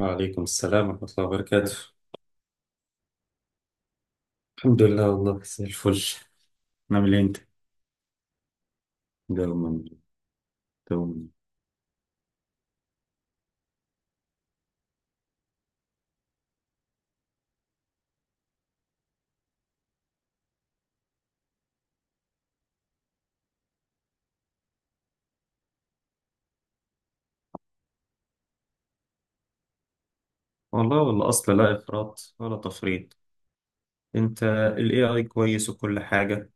وعليكم السلام ورحمة الله وبركاته. الحمد لله، والله زي الفل. نعمل إيه أنت؟ دوما دوما. والله والله أصلا لا إفراط ولا تفريط. أنت، ال AI كويس وكل حاجة،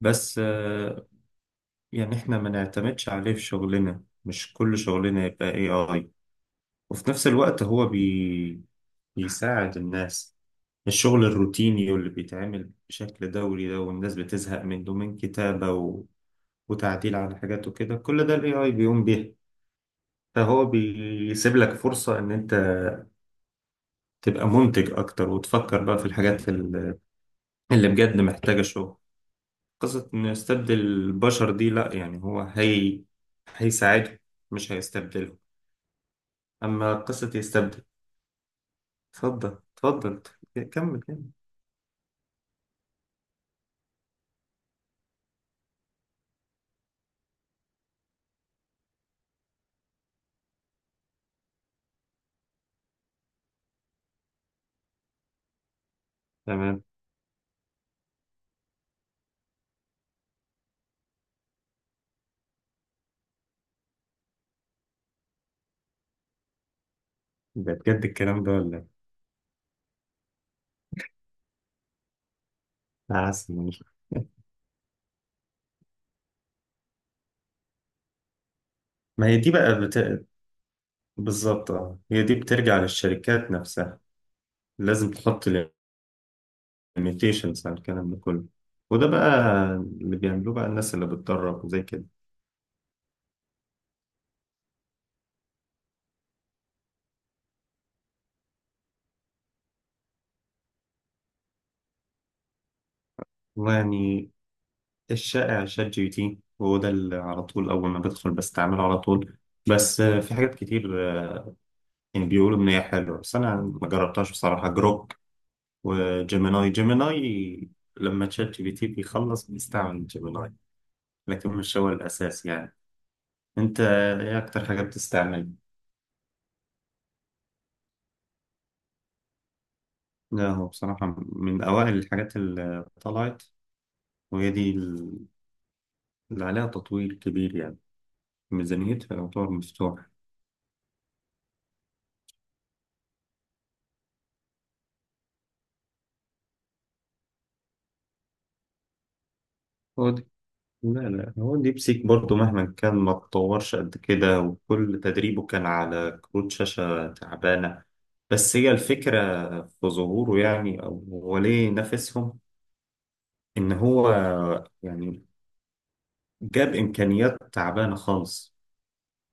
بس يعني إحنا ما نعتمدش عليه في شغلنا، مش كل شغلنا يبقى AI. وفي نفس الوقت بيساعد الناس، الشغل الروتيني واللي بيتعمل بشكل دوري ده والناس بتزهق منه، من كتابة وتعديل على حاجات وكده، كل ده ال AI بيقوم بيه. فهو بيسيب لك فرصة إن أنت تبقى منتج أكتر وتفكر بقى في اللي بجد محتاجة شغل. قصة إنه يستبدل البشر دي لأ، يعني هو هي هيساعده مش هيستبدله. أما قصة يستبدل، اتفضل اتفضل، كمل كمل. تمام. يبقى بجد الكلام ده ولا إيه؟ أنا حاسس إنه مش- ما هي دي بقى بت... بالظبط، اه، هي دي بترجع للشركات نفسها. لازم تحط الميوتيشنز على الكلام ده كله، وده بقى اللي بيعملوه بقى الناس اللي بتدرب وزي كده. والله يعني الشائع شات جي بي تي، وهو ده اللي على طول أول ما بدخل بستعمله على طول. بس في حاجات كتير، يعني بيقولوا إن هي حلوة، بس أنا ما جربتهاش بصراحة. جروك، وجيميناي، لما تشات جي بي تي بيخلص بيستعمل جيميناي، لكن مش هو الأساس يعني. أنت إيه أكتر حاجة بتستعمل؟ لا، هو بصراحة من أوائل الحاجات اللي طلعت، وهي دي اللي عليها تطويل كبير يعني، ميزانيتها يعتبر مفتوح. هو دي، لا لا، هو ديب سيك برضه مهما كان ما اتطورش قد كده، وكل تدريبه كان على كروت شاشة تعبانة. بس هي الفكرة في ظهوره يعني، أو هو ليه نافسهم، إن هو يعني جاب إمكانيات تعبانة خالص،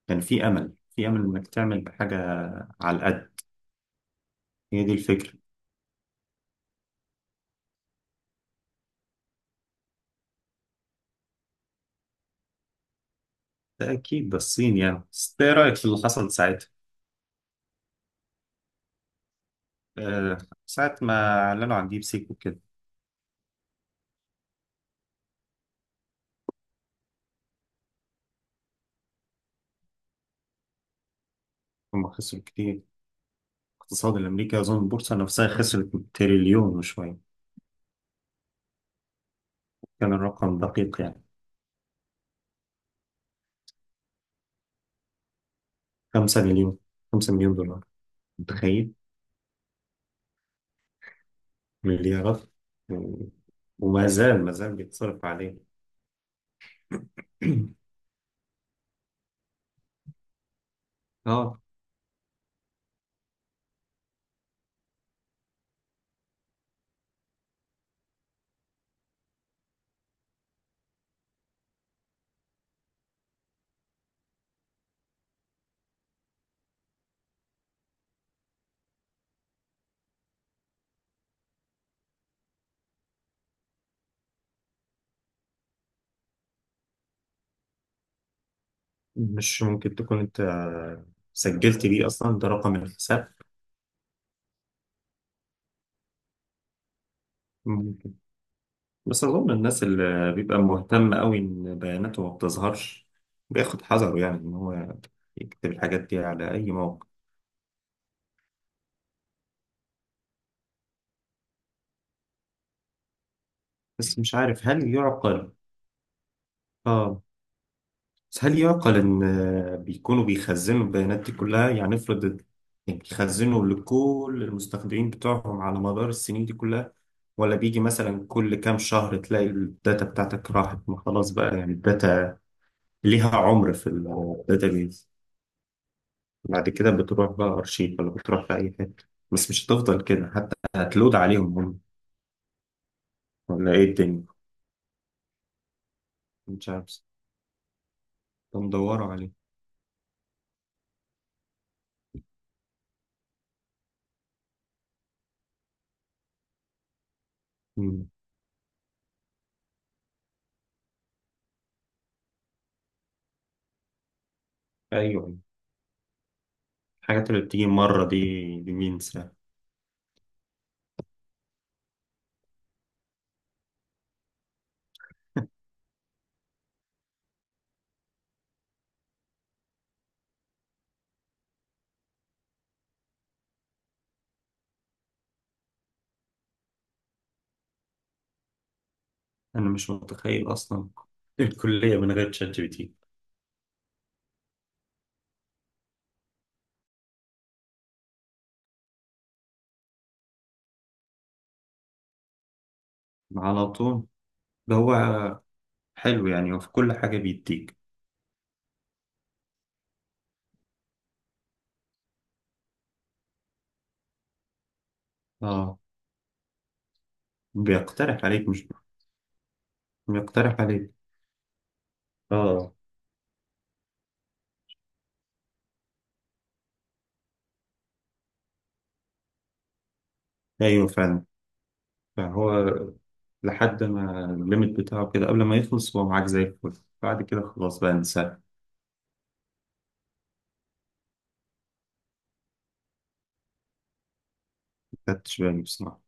كان في أمل إنك تعمل بحاجة على القد. هي دي الفكرة. ده أكيد ده الصين يعني. بس إيه رأيك في اللي حصل ساعتها؟ أه، ساعة ما أعلنوا عن ديب سيك وكده، هم خسروا كتير. اقتصاد الأمريكي، أظن البورصة نفسها خسرت تريليون وشوية. كان الرقم دقيق يعني. خمسة مليون خمسة مليون دولار، متخيل؟ مليارات و- وما زال ما زال بيتصرف عليه. اه، مش ممكن تكون انت سجلت بيه اصلا ده رقم الحساب؟ ممكن. بس اظن الناس اللي بيبقى مهتم قوي ان بياناته ما بتظهرش بياخد حذره، يعني ان هو يكتب الحاجات دي على اي موقع. بس مش عارف هل يعقل؟ اه. بس هل يعقل إن بيكونوا بيخزنوا البيانات دي كلها؟ يعني افرض ال-، يعني بيخزنوا لكل المستخدمين بتوعهم على مدار السنين دي كلها، ولا بيجي مثلا كل كام شهر تلاقي الداتا بتاعتك راحت؟ ما خلاص بقى، يعني الداتا ليها عمر في الداتابيز. بعد كده بتروح بقى أرشيف، ولا بتروح لأي حتة؟ بس مش هتفضل كده، حتى هتلود عليهم هم. ولا إيه الدنيا؟ مش عارف، بندوروا عليه. مم. أيوه. الحاجات اللي بتيجي مرة دي، دي مين؟ انا مش متخيل اصلا الكلية من غير شات جي بي تي. على طول ده هو. حلو يعني، وفي كل حاجة بيديك. اه، بيقترح عليك، مش بيقترح عليك؟ اه. ايوه فعلا، فهو لحد ما الليميت بتاعه كده قبل ما يخلص هو معاك زي الفل، بعد كده خلاص بقى انساه. ما خدتش بالي بصراحة.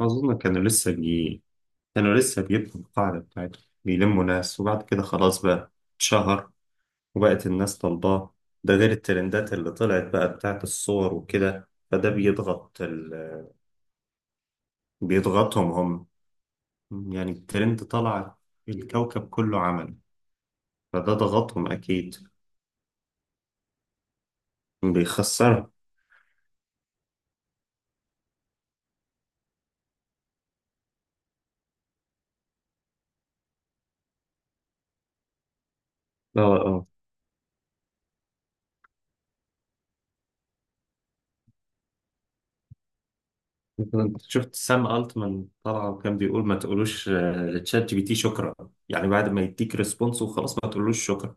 أظن كانوا لسه بي كانوا لسه بيبنوا القاعدة بتاعتهم، بيلموا ناس، وبعد كده خلاص بقى اتشهر وبقت الناس طالباه. ده غير الترندات اللي طلعت بقى بتاعت الصور وكده، بيضغطهم هم. يعني الترند طلع، الكوكب كله عمل، فده ضغطهم أكيد. بيخسرهم. اه اه. انت شفت سام التمان طلع وكان بيقول ما تقولوش لتشات جي بي تي شكرا؟ يعني بعد ما يديك ريسبونس وخلاص، ما تقولوش شكرا.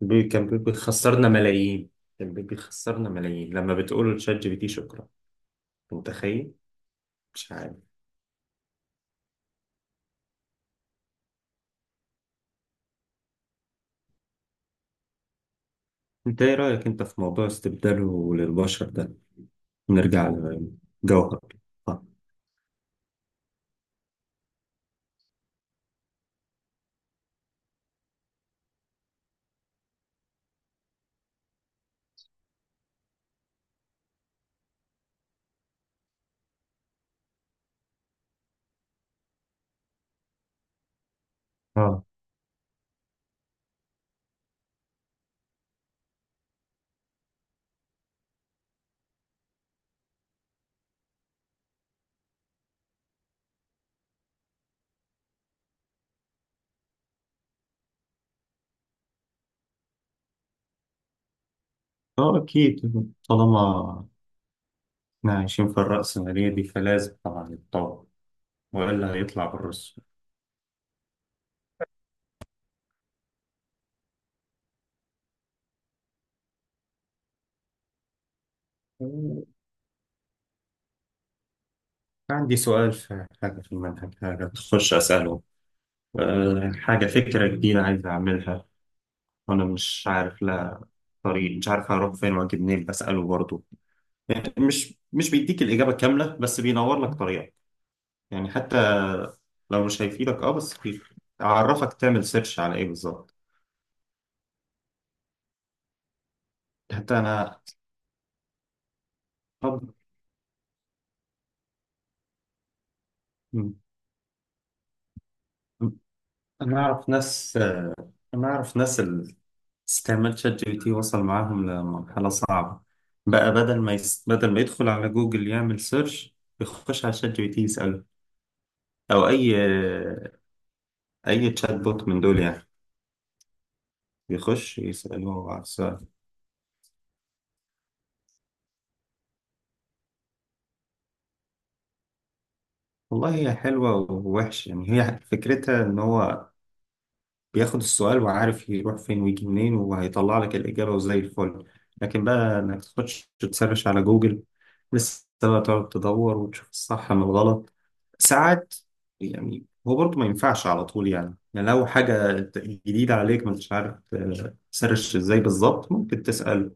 بيخسرنا ملايين. لما بتقولوا لتشات جي بي تي شكرا. انت متخيل؟ مش عارف. انت ايه رأيك انت في موضوع استبداله للبشر ده؟ نرجع لجوهر. اه اه. اكيد. طالما احنا عايشين في الرأسمالية دي فلازم طبعا يتطور، والا هيطلع بالرسم. آه، عندي سؤال في حاجة في المنهج، حاجة تخش أسأله. حاجة فكرة جديدة عايز أعملها وأنا مش عارف لها طريق، مش عارف هروح فين وأجي منين، بسأله برضه. يعني مش بيديك الإجابة كاملة، بس بينور لك طريقة. يعني حتى لو مش هيفيدك اه، بس اعرفك تعمل سيرش على ايه بالظبط. حتى انا طب م- م- انا اعرف ناس. اللي استعمال شات جي بي تي وصل معاهم لمرحلة صعبة. بقى بدل ما يدخل على جوجل يعمل سيرش، يخش على شات جي بي تي يسأله. او اي، اي تشات بوت من دول يعني، يخش يسأله على السؤال. والله هي حلوة ووحش، يعني هي فكرتها ان هو بياخد السؤال وعارف يروح فين ويجي منين، وهيطلع لك الإجابة وزي الفل. لكن بقى إنك تخش تسرش على جوجل، لسه بقى تقعد تدور وتشوف الصح من الغلط ساعات. يعني هو برضه ما ينفعش على طول، يعني يعني لو حاجة جديدة عليك ما انتش عارف تسرش ازاي بالظبط، ممكن تسأل.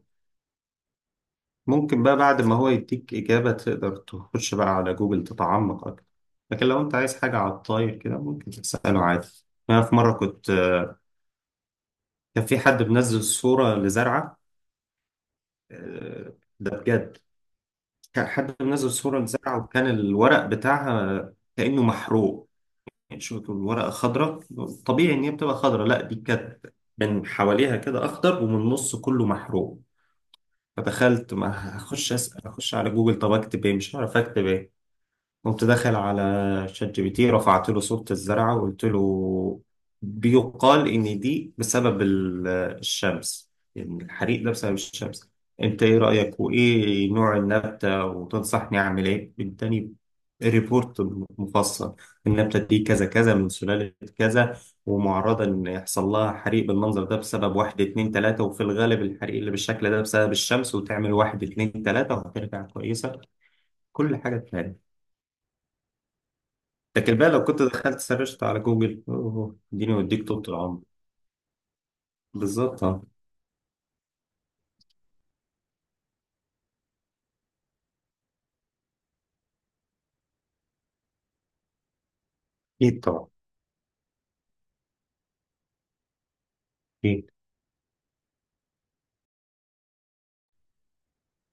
ممكن بقى بعد ما هو يديك إجابة تقدر تخش بقى على جوجل تتعمق أكتر، لكن لو أنت عايز حاجة على الطاير كده ممكن تسأله عادي. أنا في مرة كنت، كان في حد منزل صورة لزرعة، ده بجد، كان حد منزل صورة لزرعة وكان الورق بتاعها كأنه محروق. يعني شوف الورقة خضراء، طبيعي إن هي بتبقى خضراء، لا دي كانت من حواليها كده أخضر ومن النص كله محروق. فدخلت، ما هخش أسأل، أخش على جوجل طب أكتب إيه؟ مش هعرف أكتب إيه. قمت داخل على شات جي بي تي، رفعت له صورة الزرعة وقلت له بيقال إن دي بسبب الشمس، يعني الحريق ده بسبب الشمس، أنت إيه رأيك وإيه نوع النبتة وتنصحني أعمل إيه؟ إداني ريبورت مفصل: النبتة دي كذا كذا من سلالة كذا، ومعرضة إن يحصل لها حريق بالمنظر ده بسبب واحد اتنين تلاتة، وفي الغالب الحريق اللي بالشكل ده بسبب الشمس، وتعمل واحد اتنين تلاتة وهترجع كويسة. كل حاجة تمام. لكن بقى لو كنت دخلت سرشت على جوجل، اوه، اديني واديك طول العمر. بالظبط، اه. اكيد طبعا، اكيد.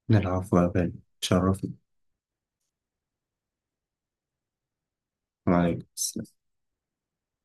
نلعب بقى، تشرفني. وعليكم السلام.